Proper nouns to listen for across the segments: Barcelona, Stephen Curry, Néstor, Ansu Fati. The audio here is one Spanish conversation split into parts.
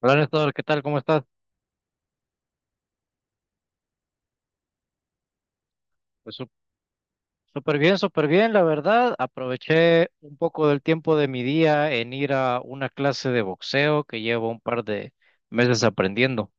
Hola Néstor, ¿qué tal? ¿Cómo estás? Pues súper bien, la verdad. Aproveché un poco del tiempo de mi día en ir a una clase de boxeo que llevo un par de meses aprendiendo.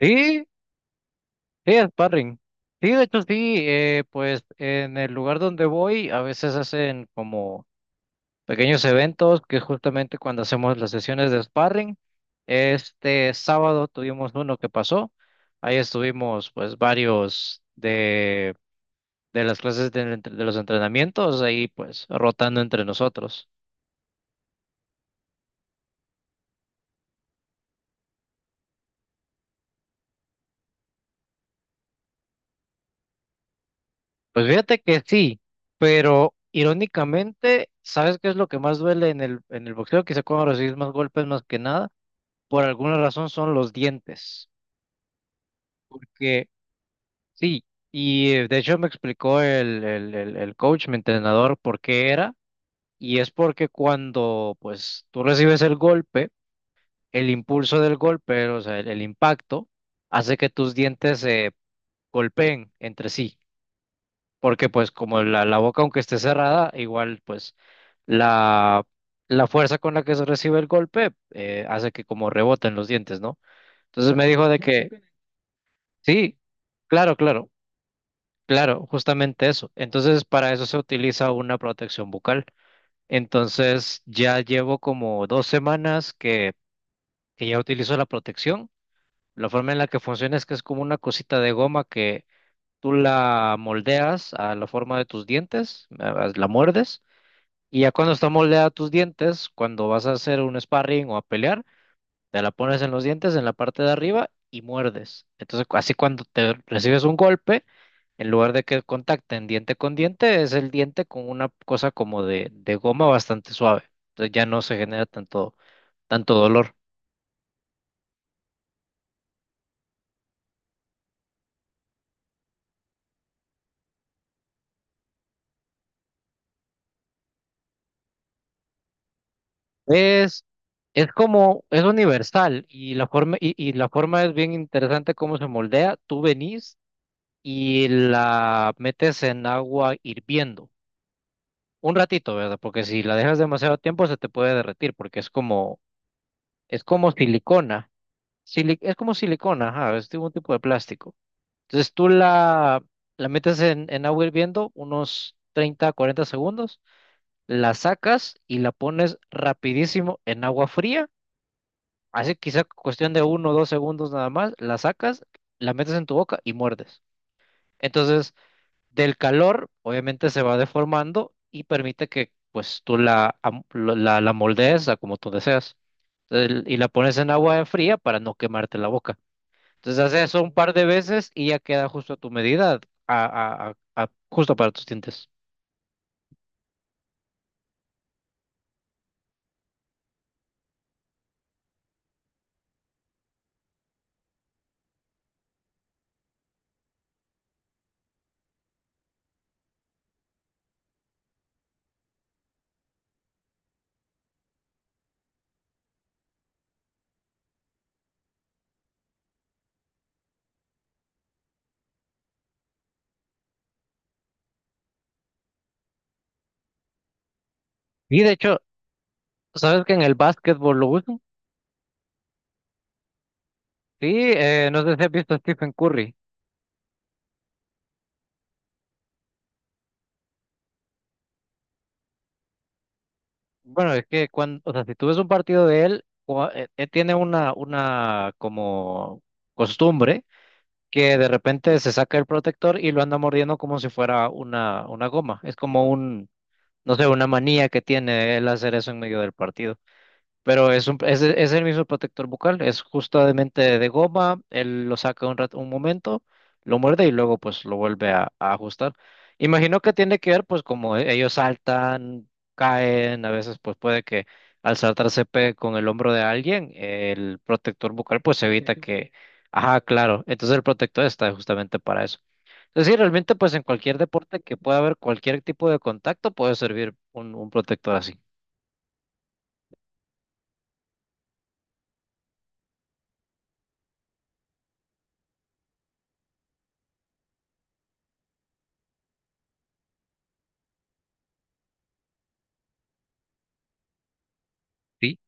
Sí, sí, sparring. Sí, de hecho sí, pues en el lugar donde voy a veces hacen como pequeños eventos que es justamente cuando hacemos las sesiones de sparring. Este sábado tuvimos uno que pasó. Ahí estuvimos pues varios de las clases de, los entrenamientos, ahí pues rotando entre nosotros. Pues fíjate que sí, pero irónicamente, ¿sabes qué es lo que más duele en el, boxeo? Quizá cuando recibes más golpes más que nada, por alguna razón son los dientes. Que sí, y de hecho me explicó el, coach, mi entrenador, por qué era, y es porque cuando pues tú recibes el golpe, el impulso del golpe, o sea, el impacto, hace que tus dientes se golpeen entre sí, porque pues como la, boca aunque esté cerrada, igual pues la, fuerza con la que se recibe el golpe, hace que como reboten los dientes, ¿no? Entonces me dijo de que sí, claro, claro, claro, justamente eso. Entonces para eso se utiliza una protección bucal. Entonces ya llevo como 2 semanas que, ya utilizo la protección. La forma en la que funciona es que es como una cosita de goma que tú la moldeas a la forma de tus dientes, la muerdes, y ya cuando está moldeada a tus dientes, cuando vas a hacer un sparring o a pelear, te la pones en los dientes, en la parte de arriba, y muerdes. Entonces, así cuando te recibes un golpe, en lugar de que contacten diente con diente, es el diente con una cosa como de, goma bastante suave. Entonces ya no se genera tanto, tanto dolor. Es, es como, es universal y la forma, y la forma es bien interesante cómo se moldea. Tú venís, y la metes en agua hirviendo. Un ratito, ¿verdad? Porque si la dejas demasiado tiempo se te puede derretir porque es como silicona. Es como silicona, ajá, un tipo de plástico. Entonces tú la, metes en, agua hirviendo unos 30 40 segundos, la sacas y la pones rapidísimo en agua fría. Así quizá cuestión de 1 o 2 segundos nada más, la sacas, la metes en tu boca y muerdes. Entonces del calor, obviamente se va deformando y permite que pues tú la, am- lo- la moldees a como tú deseas. Y la pones en agua fría para no quemarte la boca. Entonces haces eso un par de veces y ya queda justo a tu medida, justo para tus dientes. Y de hecho, ¿sabes que en el básquetbol lo usan? Sí, no sé si has visto a Stephen Curry. Bueno, es que cuando, o sea, si tú ves un partido de él, tiene una, como costumbre que de repente se saca el protector y lo anda mordiendo como si fuera una, goma. Es como un, no sé, una manía que tiene él hacer eso en medio del partido. Pero es el mismo protector bucal, es justamente de goma, él lo saca un rato, un momento, lo muerde y luego pues lo vuelve a ajustar. Imagino que tiene que ver pues como ellos saltan, caen, a veces pues puede que al saltar se pegue con el hombro de alguien, el protector bucal pues evita Ujú. Que, ajá, claro, entonces el protector está justamente para eso. Es decir, realmente pues en cualquier deporte que pueda haber cualquier tipo de contacto puede servir un, protector así. Sí,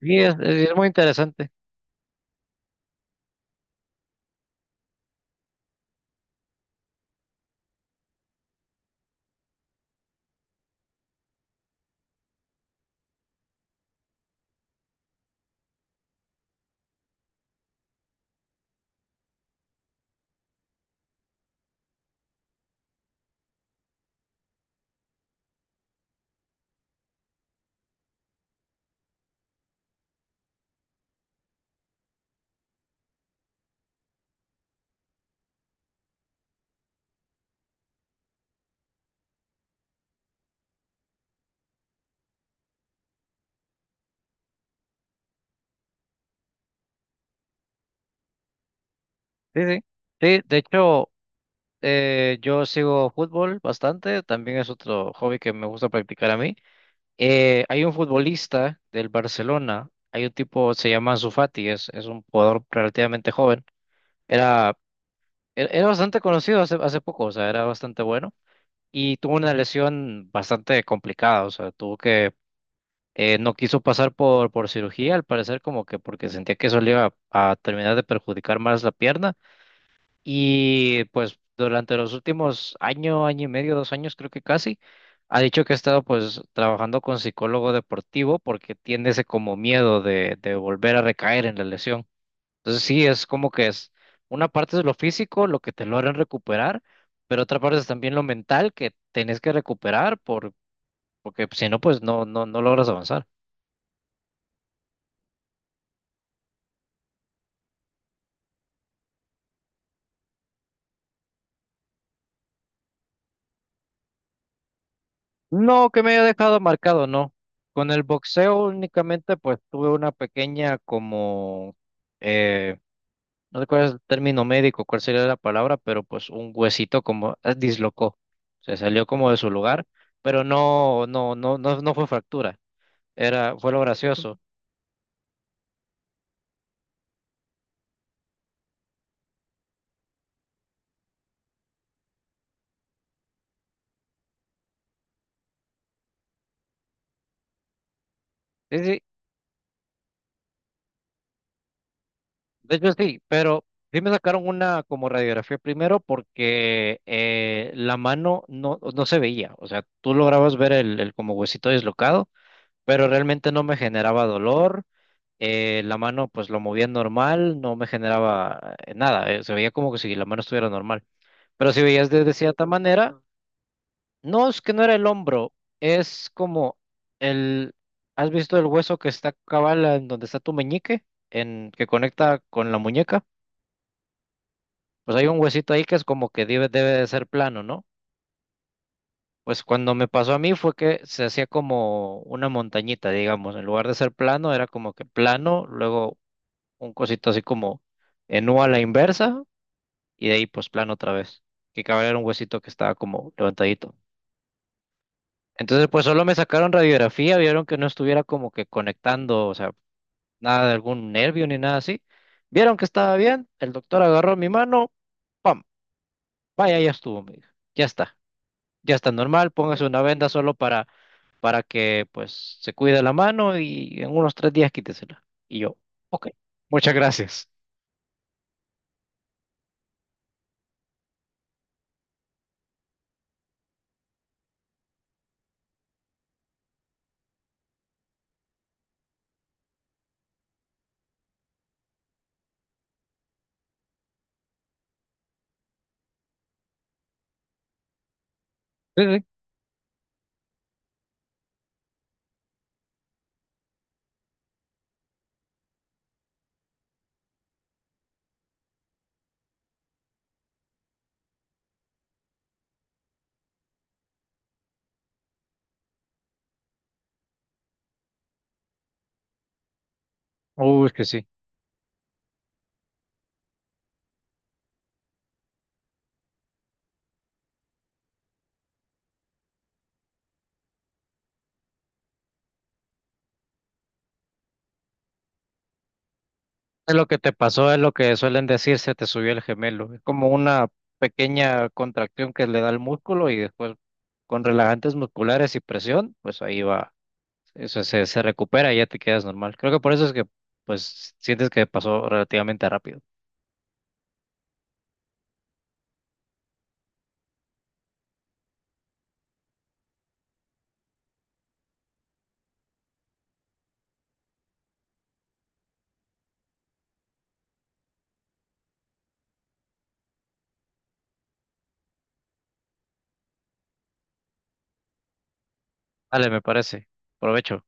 sí es muy interesante. Sí, sí. Sí, de hecho, yo sigo fútbol bastante, también es otro hobby que me gusta practicar a mí. Hay un futbolista del Barcelona, hay un tipo, se llama Ansu Fati, es un jugador relativamente joven. Era, era bastante conocido hace poco, o sea, era bastante bueno y tuvo una lesión bastante complicada, o sea, tuvo que, no quiso pasar por, cirugía, al parecer como que porque sentía que eso le iba a terminar de perjudicar más la pierna. Y pues durante los últimos año y medio, 2 años creo que casi, ha dicho que ha estado pues trabajando con psicólogo deportivo porque tiene ese como miedo de, volver a recaer en la lesión. Entonces sí, es como que es una parte es lo físico, lo que te logran recuperar, pero otra parte es también lo mental que tenés que recuperar porque si no, pues no, no, no logras avanzar. No, que me haya dejado marcado, no. Con el boxeo únicamente pues tuve una pequeña como, no recuerdo el término médico, cuál sería la palabra, pero pues un huesito como, dislocó, se salió como de su lugar, pero no, no, no, no, no fue fractura, era, fue lo gracioso. Sí, sí, de hecho sí, pero sí me sacaron una como radiografía primero porque, la mano no se veía, o sea, tú lograbas ver el, como huesito dislocado, pero realmente no me generaba dolor, la mano pues lo movía normal, no me generaba nada, se veía como que si la mano estuviera normal. Pero si veías de, cierta manera, no es que no era el hombro, es como el, ¿has visto el hueso que está cabal en donde está tu meñique, en que conecta con la muñeca? Pues hay un huesito ahí que es como que debe de ser plano, ¿no? Pues cuando me pasó a mí fue que se hacía como una montañita, digamos, en lugar de ser plano, era como que plano, luego un cosito así como en U a la inversa, y de ahí pues plano otra vez, que cabal era un huesito que estaba como levantadito. Entonces, pues solo me sacaron radiografía, vieron que no estuviera como que conectando, o sea, nada de algún nervio ni nada así. Vieron que estaba bien, el doctor agarró mi mano, ¡pam! Vaya, ya estuvo, me dijo. Ya está normal, póngase una venda solo para que pues se cuide la mano y en unos 3 días quítesela. Y yo, ok, muchas gracias. Sí, sí. Uy, es que sí. es Lo que te pasó es lo que suelen decir, se te subió el gemelo. Es como una pequeña contracción que le da el músculo y después con relajantes musculares y presión, pues ahí va, eso se recupera y ya te quedas normal. Creo que por eso es que pues sientes que pasó relativamente rápido. Vale, me parece. Provecho.